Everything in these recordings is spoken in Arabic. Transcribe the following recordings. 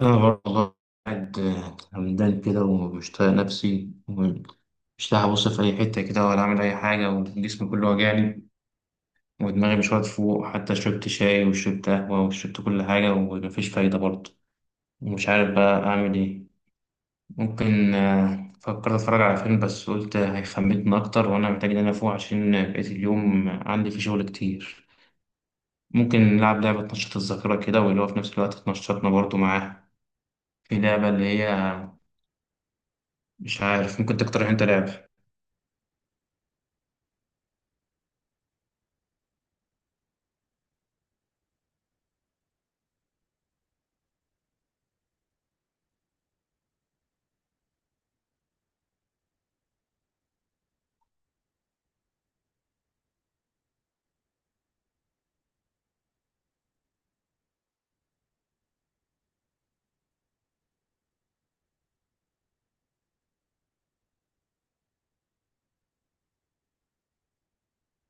أنا برضه قاعد همدان كده ومش طايق نفسي ومش لاقي أبص في أي حتة كده ولا أعمل أي حاجة، وجسمي كله واجعني ودماغي مش واقف فوق. حتى شربت شاي وشربت قهوة وشربت كل حاجة ومفيش فايدة برضه، ومش عارف بقى أعمل إيه. ممكن فكرت أتفرج على فيلم بس قلت هيخمتني أكتر وأنا محتاج إن أنا أفوق عشان بقيت اليوم عندي فيه شغل كتير. ممكن نلعب لعبة تنشط الذاكرة كده واللي هو في نفس الوقت تنشطنا برضه معاها. في لعبة اللي هي مش عارف، ممكن تقترح انت لعبة.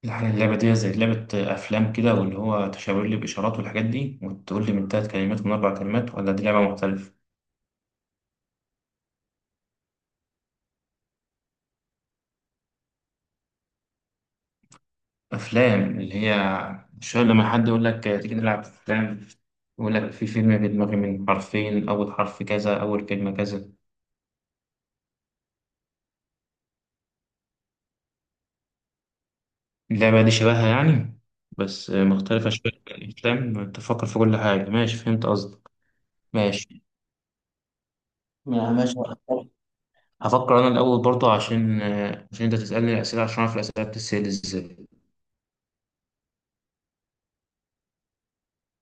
يعني اللعبة دي زي لعبة أفلام كده واللي هو تشاور لي بإشارات والحاجات دي وتقول لي من تلات كلمات ومن أربع كلمات، ولا دي لعبة مختلفة؟ أفلام اللي هي شوية لما حد يقول لك تيجي نلعب أفلام، يقول لك في فيلم في دماغي من حرفين، أول حرف كذا، أول كلمة كذا. اللعبة دي شبهها يعني بس مختلفة شوية، الأفلام تفكر في كل حاجة. ماشي فهمت قصدك. ماشي. ماشي. هفكر انا الاول برضه عشان عشان انت تسالني اسئله عشان اعرف الاسئله بتتسال ازاي.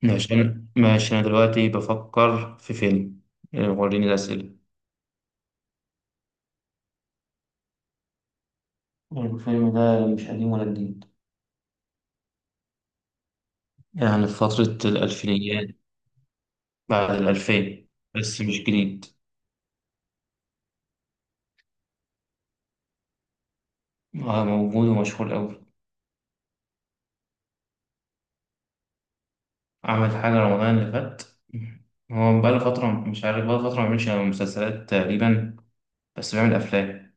ماشي انا، ماشي انا دلوقتي بفكر في فيلم. وريني الاسئله. الفيلم ده مش قديم ولا جديد، يعني في فتره الالفينيات، بعد الالفين بس مش جديد. موجود ومشهور قوي. عمل حاجه رمضان اللي فات. هو بقاله فتره، مش عارف بقاله فتره ما بيعملش مسلسلات تقريبا، بس بيعمل افلام.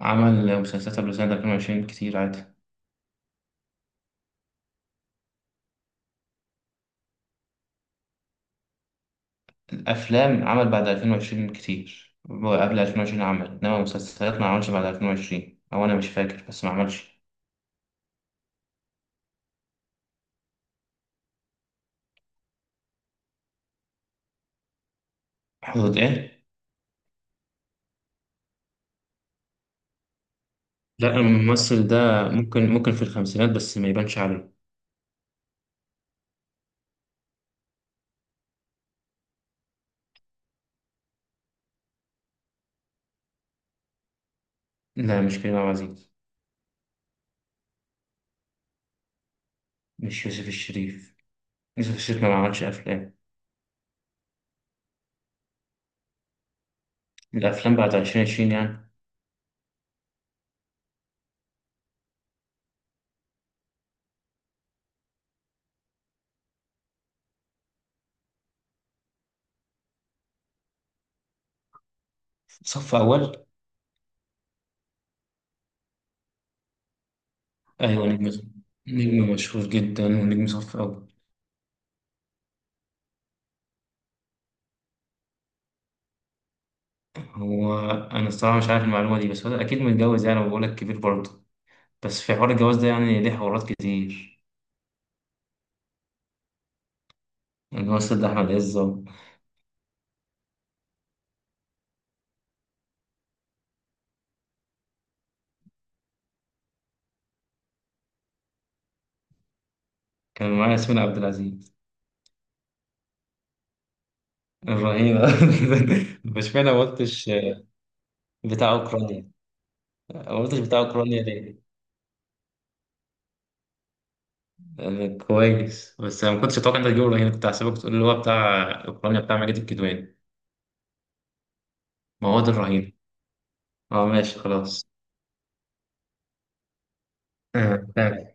عمل مسلسلات قبل سنه 2020 كتير عادي. أفلام عمل بعد 2020 كتير، هو قبل 2020 عمل إنما مسلسلات ما عملش بعد 2020، أو أنا مش فاكر بس ما عملش. حدود إيه؟ لا الممثل ده ممكن ممكن في الخمسينات بس ما يبانش عليه. لا مش كريم عبد العزيز. مش يوسف الشريف، يوسف الشريف ما عملش أفلام. الأفلام بعد 2020 يعني. صف أول. أيوة نجم، نجم مشهور جدا ونجم صف أول. هو أنا الصراحة مش عارف المعلومة دي، بس هو أكيد متجوز يعني، وبقولك كبير برضه، بس في حوار الجواز ده يعني ليه حوارات كتير. الممثل ده أحمد عز أهو. كان معايا ياسمين عبد العزيز الرهيبة. مش معنى ما قلتش بتاع أوكرانيا. ما قلتش بتاع أوكرانيا ليه؟ لأن كويس، بس أنا ما كنتش أتوقع إنك تجيب الرهينة، كنت هحسبك تقول اللي هو بتاع أوكرانيا بتاع ماجد الكدواني. ما هو ده الرهينة. أه ماشي خلاص. تمام.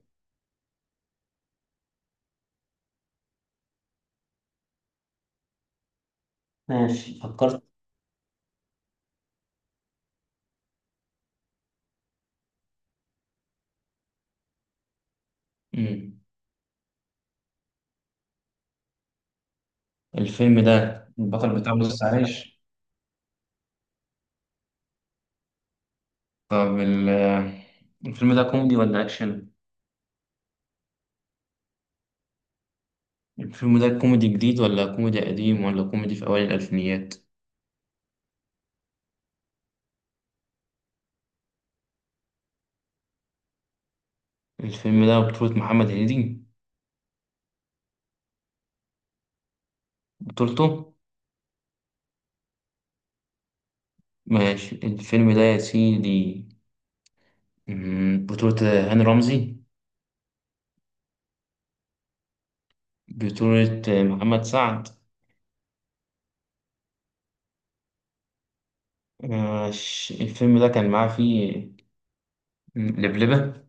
ماشي فكرت. مم. الفيلم ده البطل بتاعه لسه عايش. طب ال- الفيلم ده كوميدي ولا أكشن؟ الفيلم ده كوميدي جديد ولا كوميدي قديم ولا كوميدي في أوائل الألفينيات؟ الفيلم ده بطولة محمد هنيدي. بطولته. ماشي الفيلم ده يا سيدي، بطولة هاني رمزي. بطولة محمد سعد. ماشي. الفيلم ده كان معاه فيه لبلبة.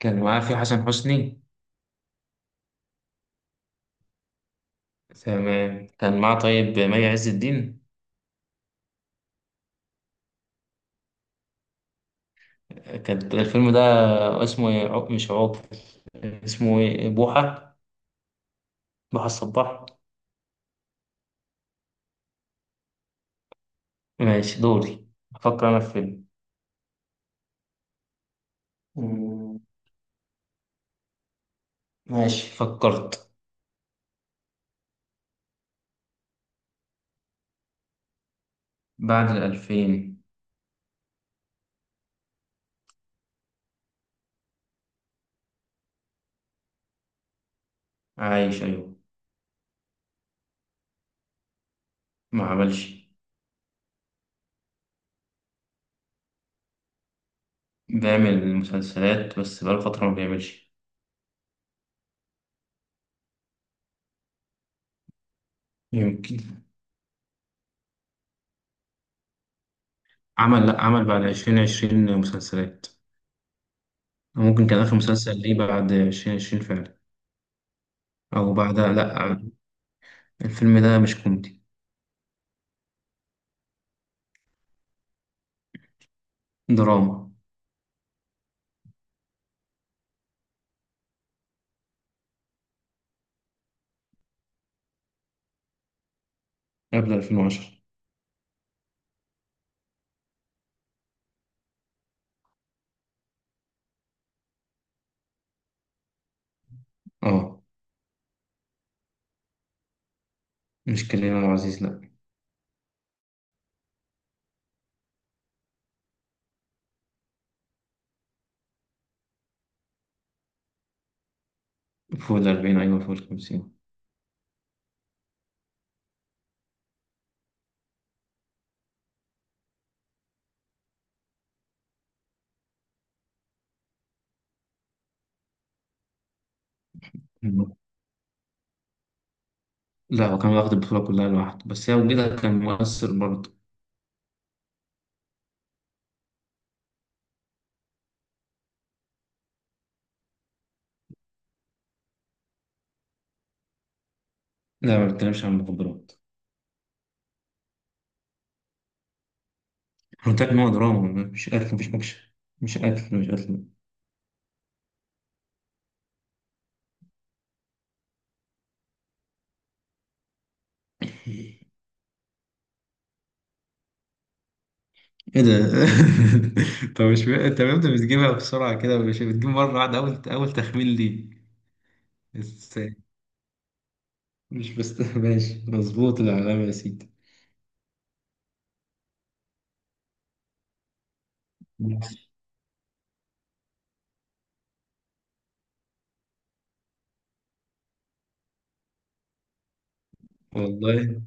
كان معاه فيه حسن حسني. تمام كان معاه طيب مي عز الدين. كان الفيلم ده اسمه إيه؟ مش عوض. اسمه ايه؟ بوحة. بوحة الصباح. ماشي دوري. أفكر أنا في فيلم. مم، ماشي فكرت. بعد الألفين. عايش أيوة. ما عملش. بيعمل مسلسلات بس بقاله فترة ما بيعملش. يمكن. عمل، لأ عمل بعد 2020 مسلسلات. ممكن كان آخر مسلسل ليه بعد 2020 فعلا، أو بعدها لأ. الفيلم ده مش كوميدي. دراما. قبل 2010. اه. مش كريم عبد العزيز لأ. فوق الأربعين أيوة فوق الخمسين. لا هو كان واخد البطولة كلها لوحده، بس هي وجودها كان مؤثر برضه. لا ما بتكلمش عن المخدرات. احنا قلت لك إن هو دراما مش قتل، مفيش اكشن. مش قتل، مش قتل. ايه ده! طب مش م- انت امتى بتجيبها بسرعة كده؟ مش بتجيب مرة واحدة اول، تخمين ليك بس. مش بس. ماشي مظبوط، العلامة يا سيدي. والله.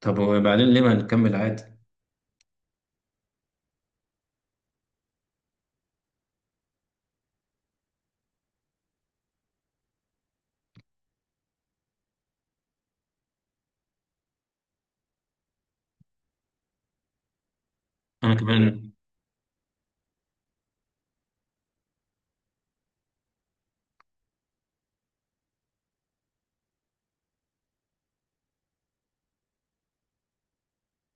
طب وبعدين ليه ما نكمل عادي؟ انا كمان.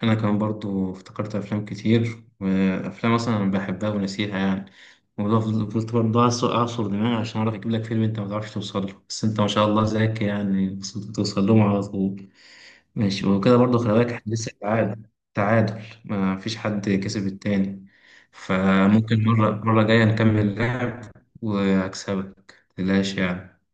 انا كمان برضو افتكرت افلام كتير، وافلام اصلا انا بحبها ونسيها يعني. وفضلت برضو أعصر، أعصر دماغي عشان أعرف أجيب لك فيلم أنت ما تعرفش توصل له، بس أنت ما شاء الله ذكي يعني وصلت توصل لهم على طول. ماشي وكده برضو خلي بالك إحنا لسه تعادل، تعادل ما فيش حد كسب التاني. فممكن مرة جاية نكمل لعب وأكسبك متقلقش يعني.